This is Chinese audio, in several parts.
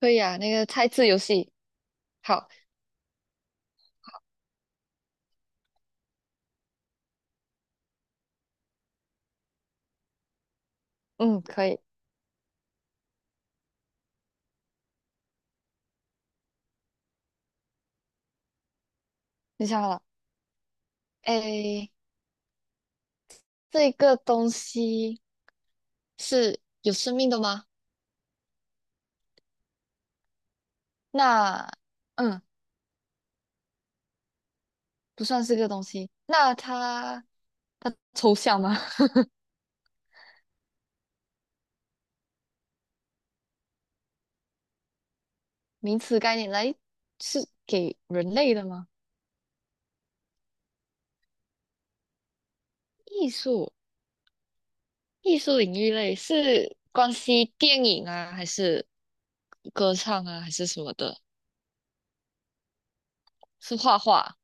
可以啊，那个猜字游戏，好，嗯，可以，你想好了？诶，这个东西是有生命的吗？那，嗯，不算是个东西。那它抽象吗？名词概念来是给人类的吗？艺术，艺术领域类是关系电影啊，还是歌唱啊，还是什么的？是画画？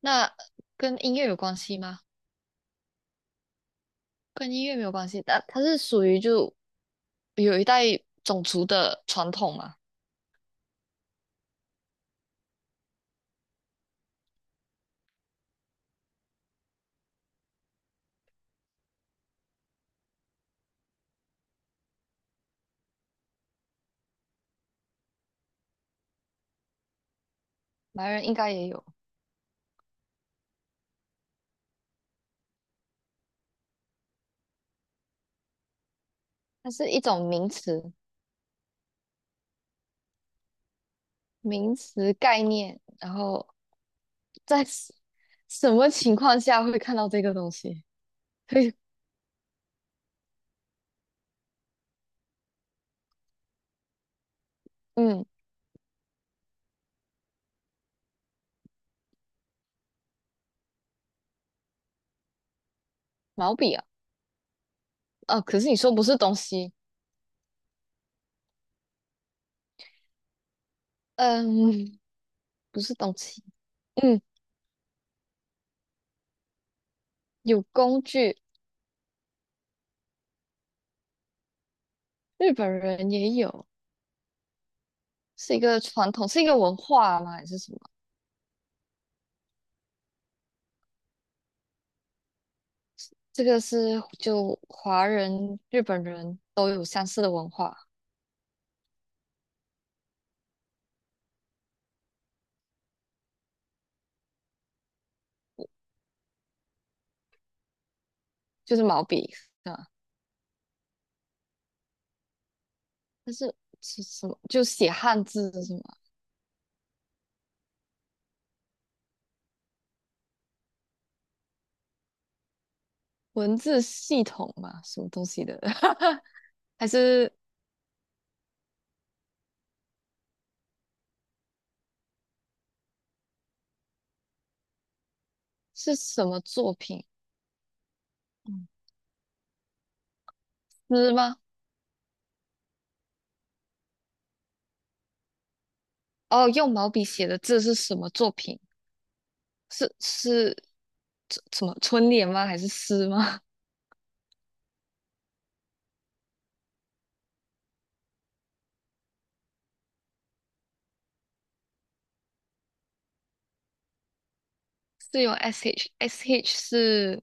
那跟音乐有关系吗？跟音乐没有关系，但它是属于就有一代种族的传统嘛，白人应该也有，它是一种名词，名词概念，然后在什么情况下会看到这个东西？嘿，嗯，毛笔啊，啊，可是你说不是东西，嗯，不是东西，嗯，有工具，日本人也有，是一个传统，是一个文化吗？还是什么？这个是就华人、日本人都有相似的文化，就是毛笔，啊。但是是什么？就写汉字什么文字系统嘛，什么东西的？还是什么作品？嗯，诗吗？哦，用毛笔写的字是什么作品？是什么春联吗？还是诗吗？是用 sh 是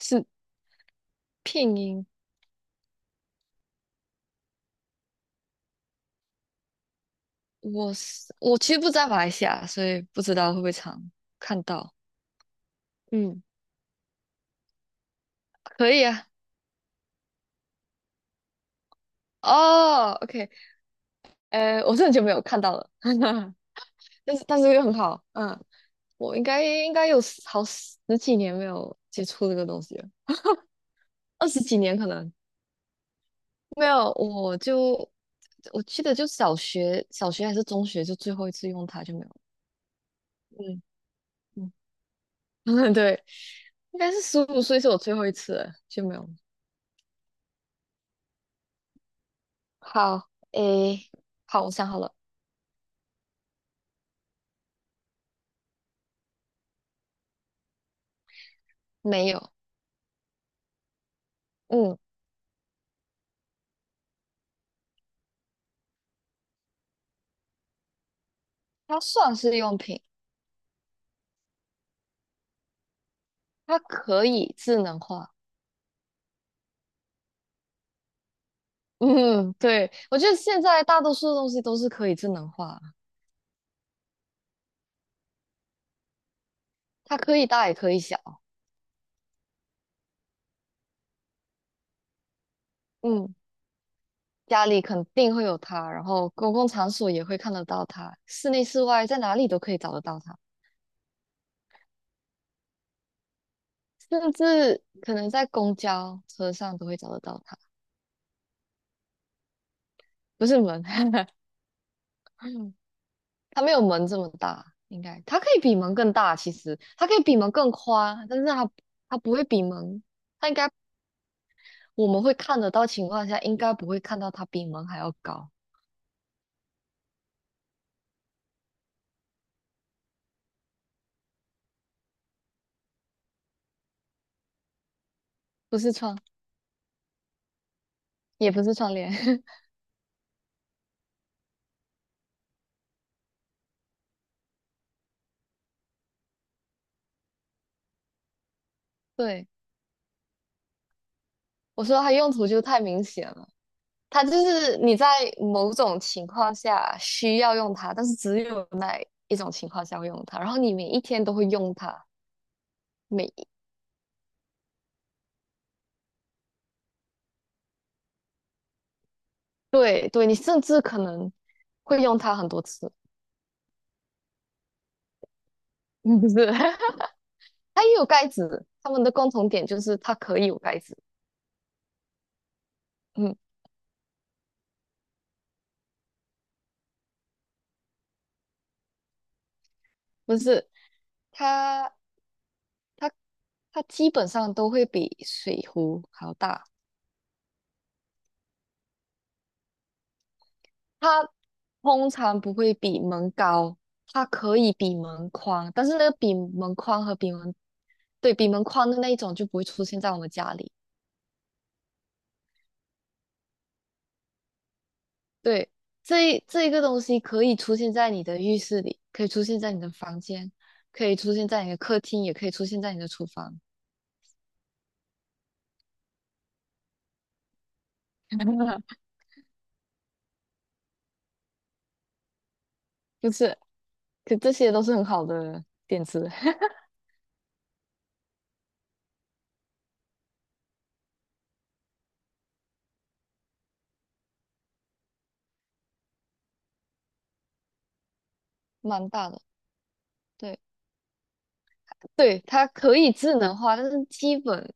是拼音，我其实不在马来西亚，所以不知道会不会常看到。嗯，可以啊，哦，OK，我是很久没有看到了，但是又很好，嗯，我应该有十几年没有接触这个东西了，二十几年可能没有，我记得就小学还是中学就最后一次用它就没有了。嗯嗯，对，应该是15岁是我最后一次了就没有了。好，诶，好，我想好了，没有。嗯，它算是用品，它可以智能化。嗯，对，我觉得现在大多数的东西都是可以智能化，它可以大也可以小。嗯，家里肯定会有它，然后公共场所也会看得到它，室内室外在哪里都可以找得到它，甚至可能在公交车上都会找得到它。不是门，它没有门这么大，应该它可以比门更大，其实它可以比门更宽，但是它不会比门。它应该我们会看得到情况下，应该不会看到它比门还要高，不是窗，也不是窗帘。对，我说它用途就太明显了，它就是你在某种情况下需要用它，但是只有那一种情况下会用它，然后你每一天都会用它，每一对对，你甚至可能会用它很多次。嗯，不是，它也有盖子，它们的共同点就是它可以有盖子。嗯，不是，它它。它基本上都会比水壶还要大，它通常不会比门高，它可以比门宽，但是那个比门宽和比门，对，比门宽的那一种就不会出现在我们家里。对，这一个东西可以出现在你的浴室里，可以出现在你的房间，可以出现在你的客厅，也可以出现在你的厨房，就是，可这些都是很好的点子，蛮大的。对对，它可以智能化，但是基本。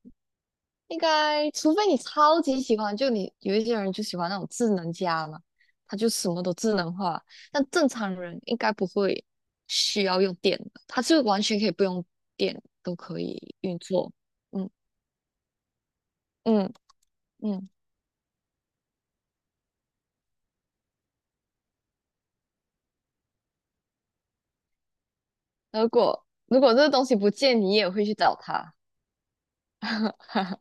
应该，除非你超级喜欢，就你有一些人就喜欢那种智能家嘛，他就什么都智能化。但正常人应该不会需要用电的，他是完全可以不用电都可以运作。嗯嗯嗯，如果这个东西不见，你也会去找他，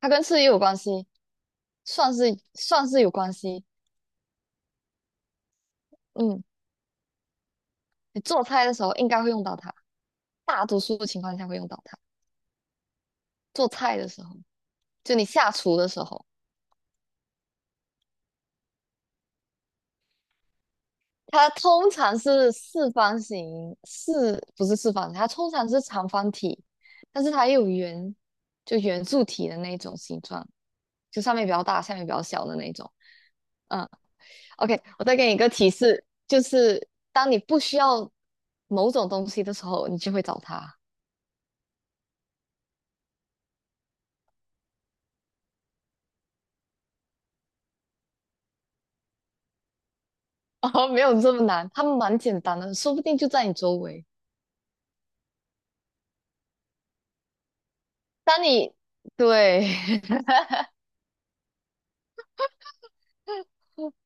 它跟吃也有关系，算是有关系。嗯，你做菜的时候应该会用到它，大多数情况下会用到它。做菜的时候，就你下厨的时候。它通常是四方形，不是四方形，它通常是长方体，但是它也有圆，就圆柱体的那种形状，就上面比较大，下面比较小的那种。嗯，OK,我再给你一个提示，就是当你不需要某种东西的时候，你就会找它。哦，没有这么难，它们蛮简单的，说不定就在你周围。当你对，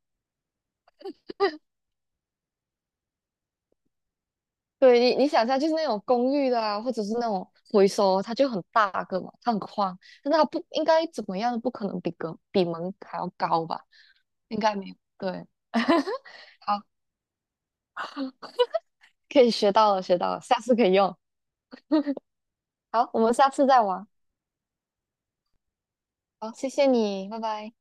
对你想一下，就是那种公寓的啊，或者是那种回收，它就很大个嘛，它很宽，但是它不应该怎么样，不可能比门还要高吧？应该没有。对，好，可以学到了，学到了，下次可以用。好，我们下次再玩。好，谢谢你，拜拜。